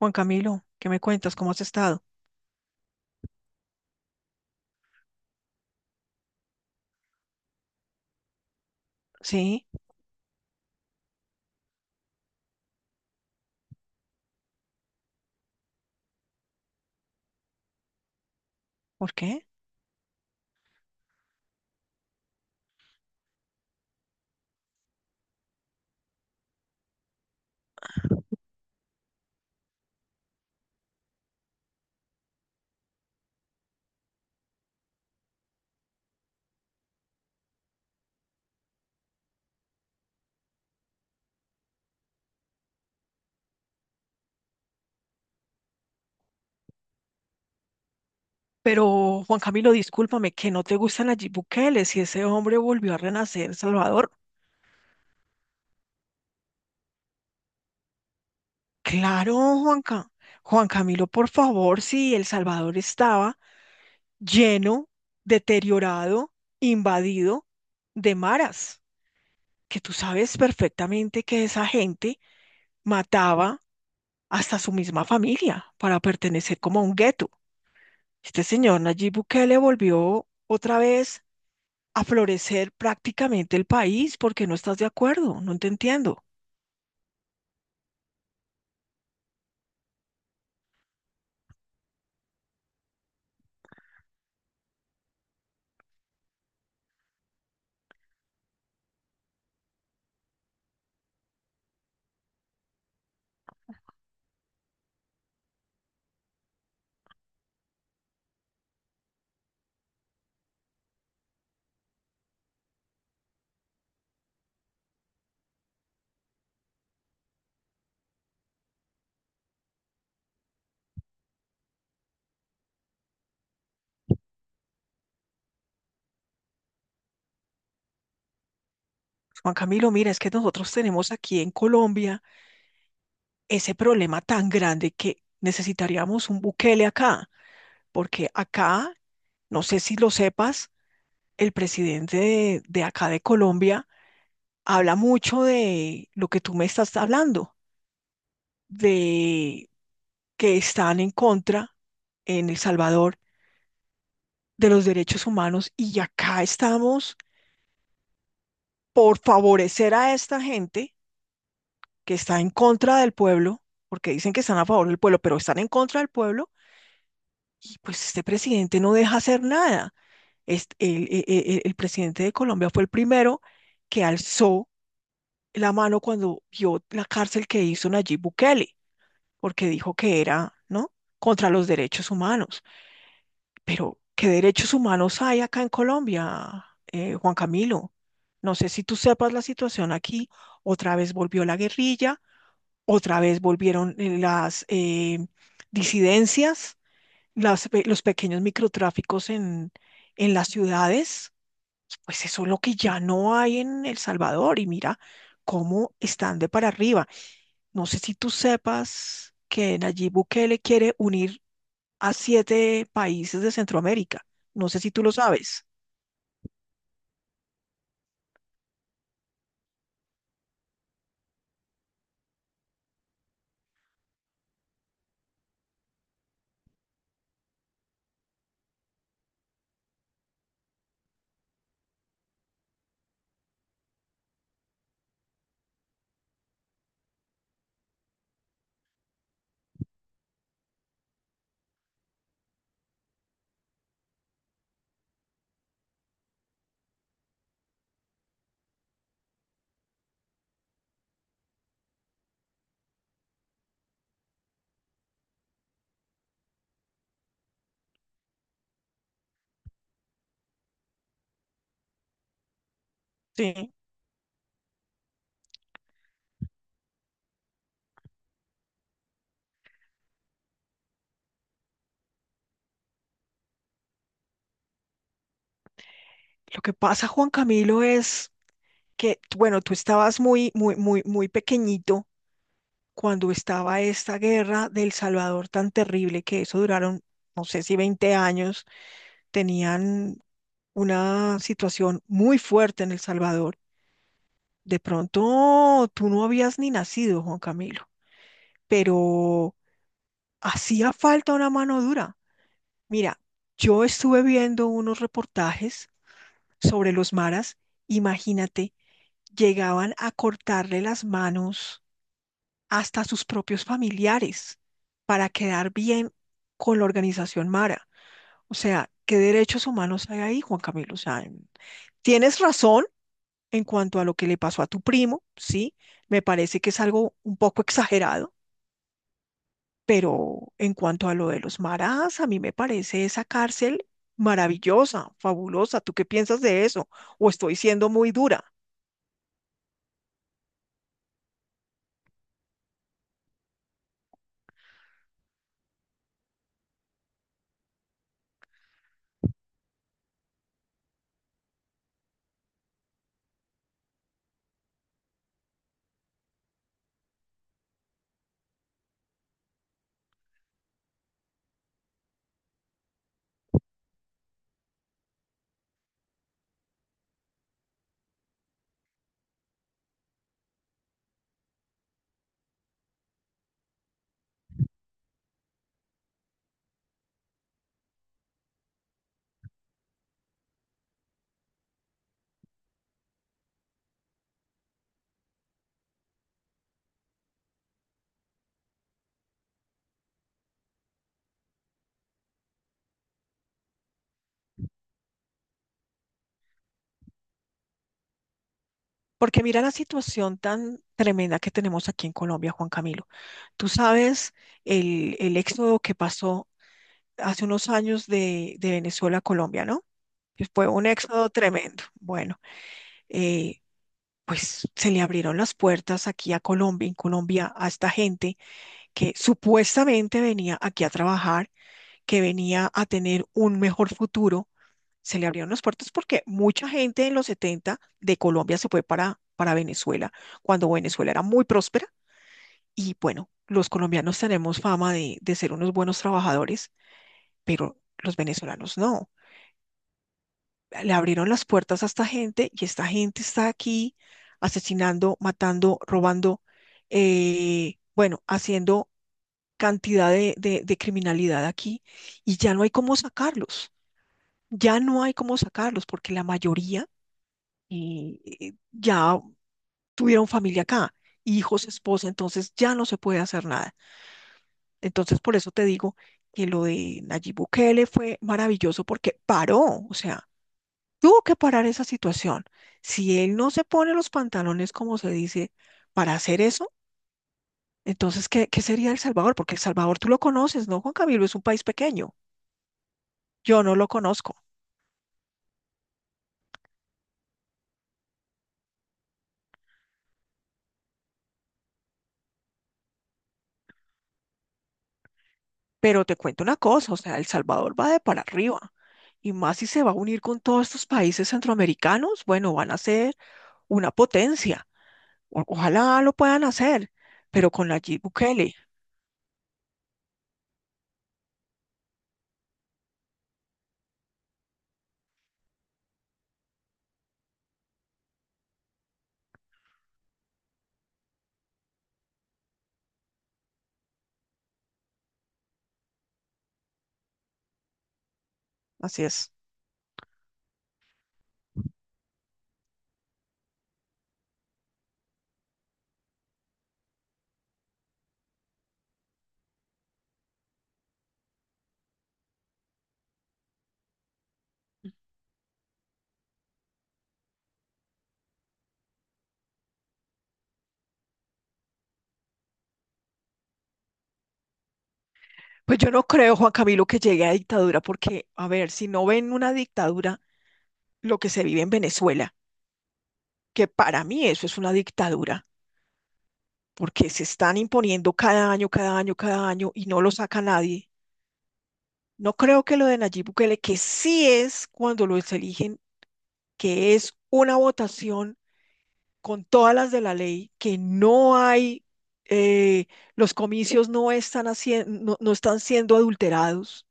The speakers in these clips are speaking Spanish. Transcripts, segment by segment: Juan Camilo, ¿qué me cuentas? ¿Cómo has estado? Sí, ¿por qué? Pero, Juan Camilo, discúlpame, que no te gusta Nayib Bukele, si ese hombre volvió a renacer Salvador. Claro, Juanca. Juan Camilo, por favor, si El Salvador estaba lleno, deteriorado, invadido de maras, que tú sabes perfectamente que esa gente mataba hasta su misma familia para pertenecer como a un gueto. Este señor Nayib Bukele volvió otra vez a florecer prácticamente el país porque no estás de acuerdo, no te entiendo. Juan Camilo, mira, es que nosotros tenemos aquí en Colombia ese problema tan grande que necesitaríamos un Bukele acá, porque acá, no sé si lo sepas, el presidente de acá de Colombia habla mucho de lo que tú me estás hablando, de que están en contra en El Salvador de los derechos humanos y acá estamos por favorecer a esta gente que está en contra del pueblo, porque dicen que están a favor del pueblo, pero están en contra del pueblo, y pues este presidente no deja hacer nada. El presidente de Colombia fue el primero que alzó la mano cuando vio la cárcel que hizo Nayib Bukele, porque dijo que era, ¿no? Contra los derechos humanos. Pero, ¿qué derechos humanos hay acá en Colombia, Juan Camilo? No sé si tú sepas la situación aquí. Otra vez volvió la guerrilla, otra vez volvieron las disidencias, los pequeños microtráficos en las ciudades. Pues eso es lo que ya no hay en El Salvador. Y mira cómo están de para arriba. No sé si tú sepas que Nayib Bukele quiere unir a siete países de Centroamérica. No sé si tú lo sabes. Sí, lo que pasa, Juan Camilo, es que, bueno, tú estabas muy, muy, muy, muy pequeñito cuando estaba esta guerra del Salvador tan terrible que eso duraron, no sé si 20 años, tenían una situación muy fuerte en El Salvador. De pronto tú no habías ni nacido, Juan Camilo, pero hacía falta una mano dura. Mira, yo estuve viendo unos reportajes sobre los maras. Imagínate, llegaban a cortarle las manos hasta a sus propios familiares para quedar bien con la organización mara. O sea, ¿qué derechos humanos hay ahí, Juan Camilo? O sea, tienes razón en cuanto a lo que le pasó a tu primo, ¿sí? Me parece que es algo un poco exagerado. Pero en cuanto a lo de los maras, a mí me parece esa cárcel maravillosa, fabulosa. ¿Tú qué piensas de eso? ¿O estoy siendo muy dura? Porque mira la situación tan tremenda que tenemos aquí en Colombia, Juan Camilo. Tú sabes el éxodo que pasó hace unos años de Venezuela a Colombia, ¿no? Que fue un éxodo tremendo. Bueno, eh, pues se le abrieron las puertas aquí a Colombia, en Colombia, a esta gente que supuestamente venía aquí a trabajar, que venía a tener un mejor futuro, se le abrieron las puertas porque mucha gente en los 70 de Colombia se fue para Venezuela, cuando Venezuela era muy próspera. Y bueno, los colombianos tenemos fama de ser unos buenos trabajadores, pero los venezolanos no. Le abrieron las puertas a esta gente y esta gente está aquí asesinando, matando, robando, bueno, haciendo cantidad de criminalidad aquí y ya no hay cómo sacarlos, ya no hay cómo sacarlos porque la mayoría ya tuvieron familia acá, hijos, esposa, entonces ya no se puede hacer nada. Entonces por eso te digo que lo de Nayib Bukele fue maravilloso porque paró, o sea, tuvo que parar esa situación. Si él no se pone los pantalones, como se dice, para hacer eso, entonces, ¿qué sería El Salvador? Porque El Salvador tú lo conoces, ¿no, Juan Camilo? Es un país pequeño. Yo no lo conozco. Pero te cuento una cosa, o sea, El Salvador va de para arriba. Y más si se va a unir con todos estos países centroamericanos, bueno, van a ser una potencia. Ojalá lo puedan hacer, pero con Nayib Bukele, así es. Pues yo no creo, Juan Camilo, que llegue a dictadura, porque, a ver, si no ven una dictadura, lo que se vive en Venezuela, que para mí eso es una dictadura, porque se están imponiendo cada año, cada año, cada año y no lo saca nadie. No creo que lo de Nayib Bukele, que sí es cuando los eligen que es una votación con todas las de la ley, que no hay, eh, los comicios no están, no, no están siendo adulterados.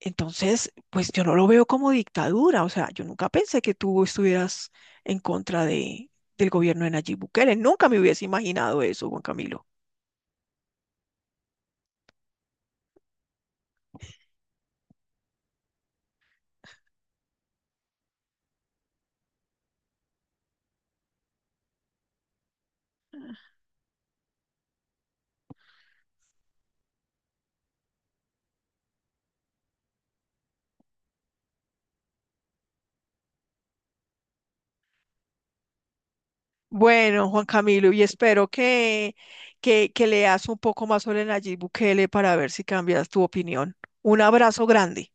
Entonces, pues yo no lo veo como dictadura. O sea, yo nunca pensé que tú estuvieras en contra del gobierno de Nayib Bukele. Nunca me hubiese imaginado eso, Juan Camilo. Bueno, Juan Camilo, y espero que leas un poco más sobre Nayib Bukele para ver si cambias tu opinión. Un abrazo grande.